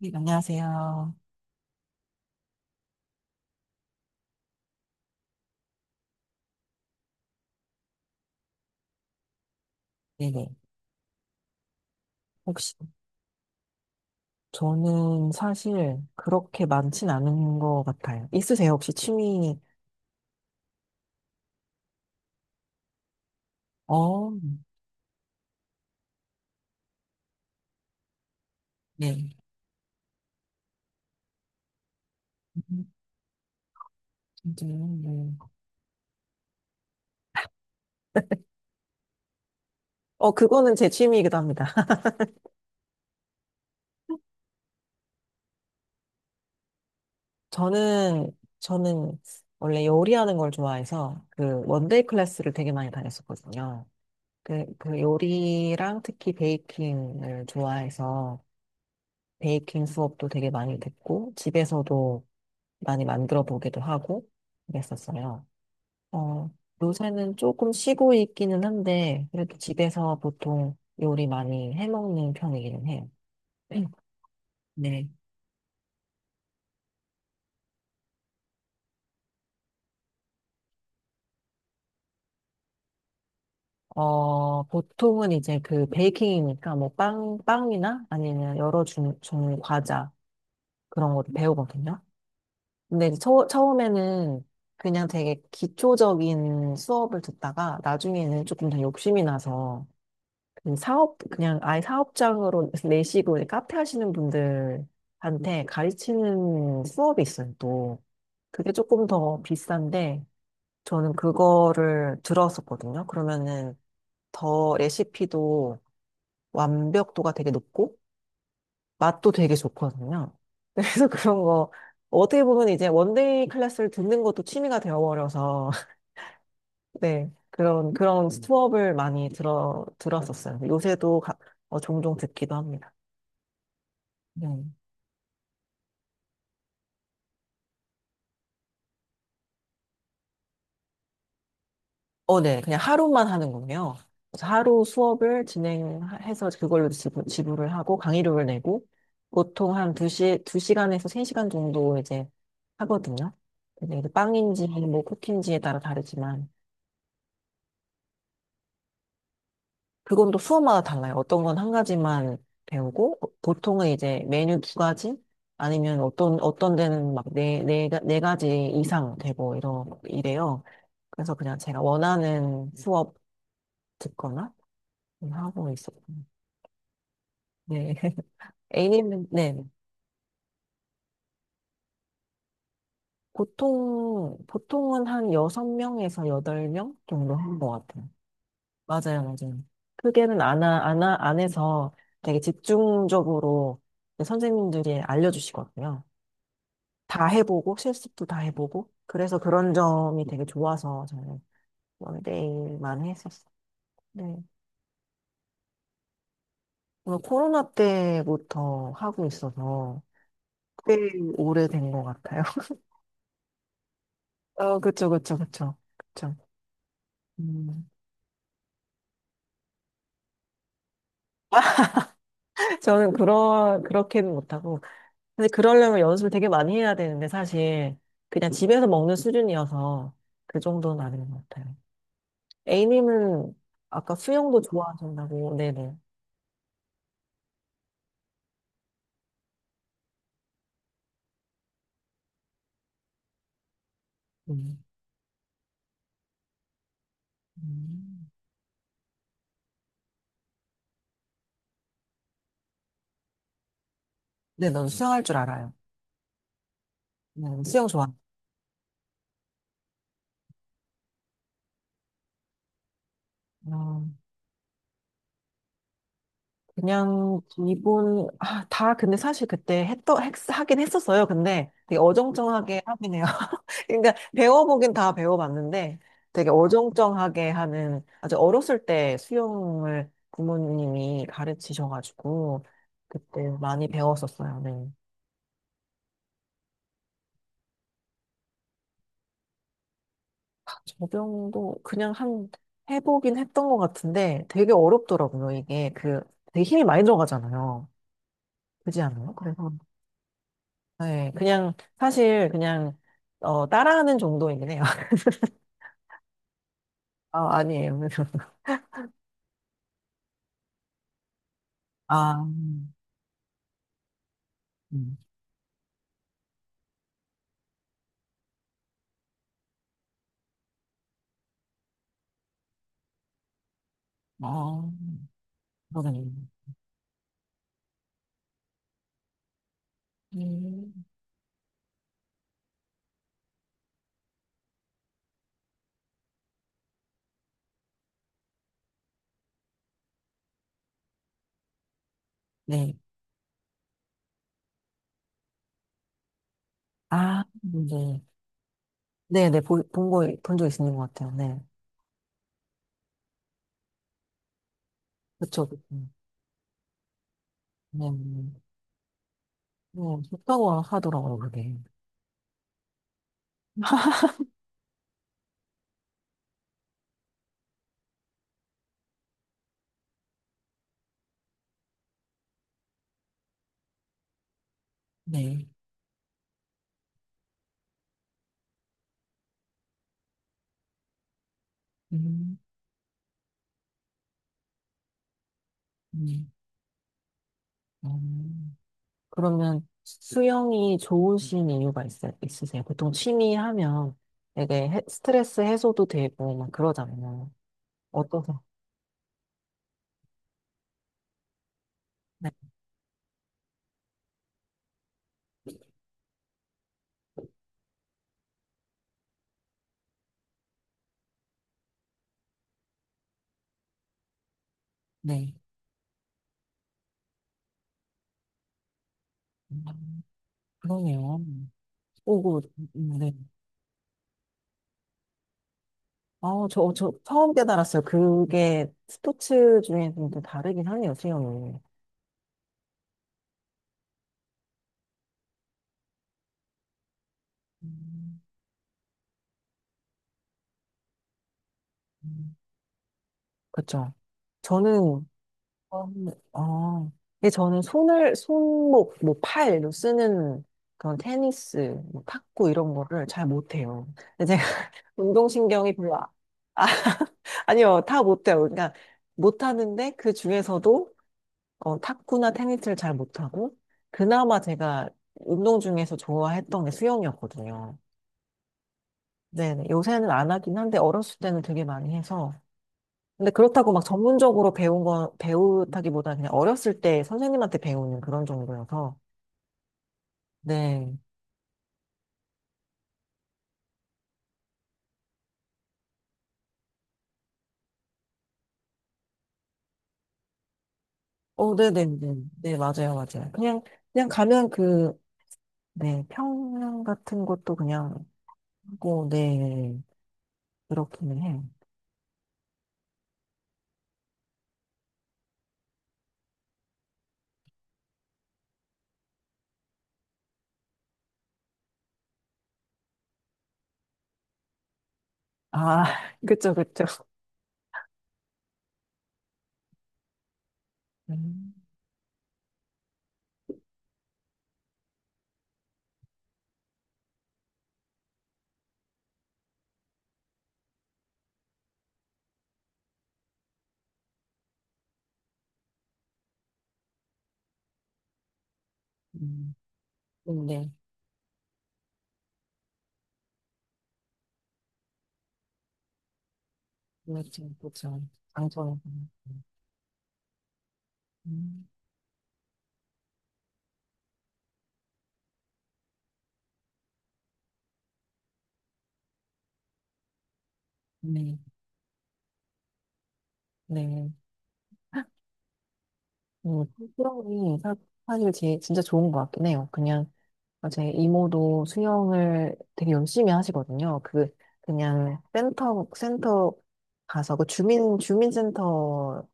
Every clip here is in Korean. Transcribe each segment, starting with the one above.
네, 안녕하세요. 네네. 혹시, 저는 사실 그렇게 많진 않은 것 같아요. 있으세요? 혹시 취미? 어, 네. 음, 진짜요? 네. 그거는 제 취미이기도 합니다. 저는 원래 요리하는 걸 좋아해서 그 원데이 클래스를 되게 많이 다녔었거든요. 그 요리랑 특히 베이킹을 좋아해서 베이킹 수업도 되게 많이 듣고 집에서도 많이 만들어 보기도 하고 그랬었어요. 어, 요새는 조금 쉬고 있기는 한데, 그래도 집에서 보통 요리 많이 해먹는 편이기는 해요. 네. 보통은 이제 그 베이킹이니까 뭐 빵이나 아니면 여러 종류 과자 그런 것도 배우거든요. 근데 이제 처음에는 그냥 되게 기초적인 수업을 듣다가 나중에는 조금 더 욕심이 나서 그냥 아예 사업장으로 내시고 이제 카페 하시는 분들한테 가르치는 수업이 있어요, 또. 그게 조금 더 비싼데, 저는 그거를 들었었거든요. 그러면은 더 레시피도 완벽도가 되게 높고, 맛도 되게 좋거든요. 그래서 그런 거, 어떻게 보면 이제 원데이 클래스를 듣는 것도 취미가 되어버려서, 네. 그런 수업을 많이 들었었어요. 요새도 종종 듣기도 합니다. 네. 어, 네. 그냥 하루만 하는군요. 그래서 하루 수업을 진행해서 그걸로 지불을 하고 강의료를 내고 보통 한 2시, 두 시간에서 3시간 정도 이제 하거든요. 근데 이제 빵인지 뭐 쿠키인지에 따라 다르지만 그건 또 수업마다 달라요. 어떤 건 한 가지만 배우고 보통은 이제 메뉴 두 가지 아니면 어떤 데는 막 네 가지 이상 되고 이러 이래요. 그래서 그냥 제가 원하는 수업 듣거나 하고 있었어요. 네. A님은, 네. 보통은 한 6명에서 8명 정도 하는 것 같아요. 맞아요, 맞아요. 크게는 안 해서 되게 집중적으로 선생님들이 알려주시거든요. 다 해보고, 실습도 다 해보고. 그래서 그런 점이 되게 좋아서 저는 원데이만 했었어요. 네. 오늘 코로나 때부터 하고 있어서 꽤 오래된 것 같아요. 그쵸, 그쵸, 그쵸. 그쵸. 음. 저는 그런 그렇게는 못하고 근데 그러려면 연습을 되게 많이 해야 되는데 사실 그냥 집에서 먹는 수준이어서 그 정도는 아닌 것 같아요. A님은 아까 수영도 좋아하신다고 네네. 음. 음. 네, 넌 수영할 줄 알아요. 네, 수영 좋아. 그냥 기본 다 근데 사실 그때 하긴 했었어요. 근데 되게 어정쩡하게 하긴 해요. 그러니까 배워보긴 다 배워봤는데 되게 어정쩡하게 하는 아주 어렸을 때 수영을 부모님이 가르치셔가지고 그때 많이 배웠었어요. 네. 저병도 그냥 한 해보긴 했던 것 같은데 되게 어렵더라고요. 이게 그 되게 힘이 많이 들어가잖아요. 그지 않아요? 그래서 네, 그냥 사실 그냥 따라하는 정도이긴 해요. 아, 아니에요. 아, 음, 아, 그러네요. 음. 네, 네, 네, 네, 본 적 있는 것 같아요. 네, 그렇죠. 네, 네, 좋다고 하더라고요, 그게. 네, 음, 음, 음. 그러면 수영이 좋으신 이유가 있으세요? 보통 취미 하면 되게 스트레스 해소도 되고 막 그러잖아요. 어떠세요? 네, 네. 음, 그러네요. 오고, 네. 저 처음 깨달았어요. 그게 스포츠 중에 좀 또 다르긴 하네요, 수영이. 음, 음. 그쵸. 저는, 음, 아, 근데 저는 손목, 뭐 팔로 쓰는 그런 테니스, 뭐 탁구 이런 거를 잘 못해요. 근데 제가 운동신경이 별로, 아, 아니요, 다 못해요. 그러니까 못하는데 그 중에서도 탁구나 테니스를 잘 못하고, 그나마 제가 운동 중에서 좋아했던 게 수영이었거든요. 네네. 요새는 안 하긴 한데, 어렸을 때는 되게 많이 해서. 근데 그렇다고 막 전문적으로 배운 건, 배우다기보다 그냥 어렸을 때 선생님한테 배우는 그런 정도여서. 네. 네네네. 네, 맞아요, 맞아요. 그냥 가면 네, 평양 같은 것도 그냥 하고, 네, 그렇기는 해요. 아, 그쵸, 그쵸. 음, 음, 네. 그렇죠, 그렇죠. 장점이. 음, 네, 네. 음, 수영이 사실 진짜 좋은 것 같긴 해요. 그냥 제 이모도 수영을 되게 열심히 하시거든요. 그냥 센터 가서 그 주민센터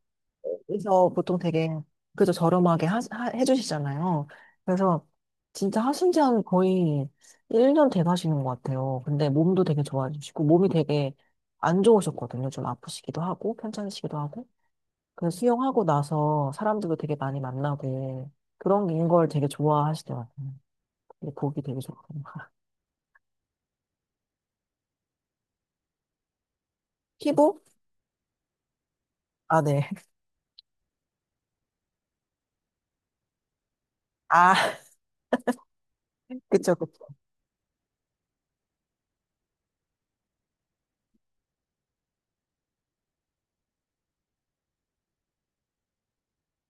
그래서 보통 되게 그래도 저렴하게 해주시잖아요. 그래서 진짜 하신지한 거의 1년 돼가시는 것 같아요. 근데 몸도 되게 좋아지시고 몸이 되게 안 좋으셨거든요. 좀 아프시기도 하고 편찮으시기도 하고. 그래서 수영하고 나서 사람들도 되게 많이 만나고 그런 걸 되게 좋아하시더라고요. 근데 보기 되게 좋고. 피부? 아, 네. 아, 그쵸, 그쵸.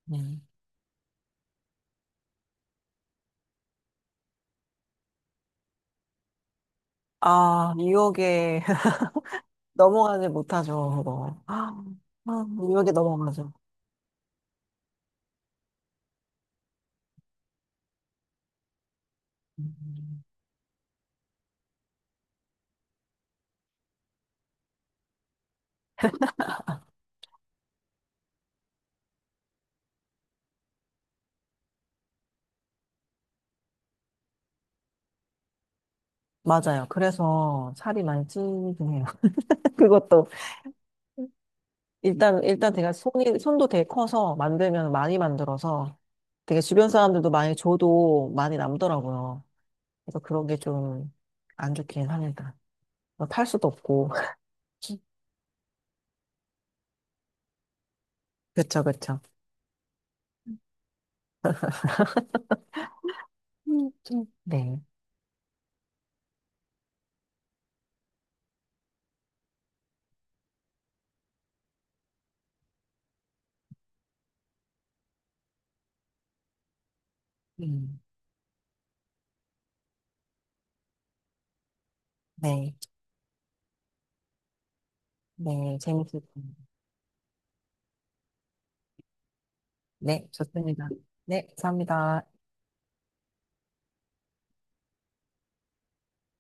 네. 아, 뉴욕에 넘어가지 못하죠, 그거. 유혹에 넘어가죠. 음, 맞아요. 그래서 살이 많이 찌긴 해요. 그것도 일단 제가 손이 손도 되게 커서 만들면 많이 만들어서 되게 주변 사람들도 많이 줘도 많이 남더라고요. 그래서 그런 게 좀 안 좋긴 합니다. 뭐 팔 수도 없고. 그쵸, 그쵸. 네. 음, 네. 네. 재밌을 겁니다. 네. 좋습니다. 네. 감사합니다.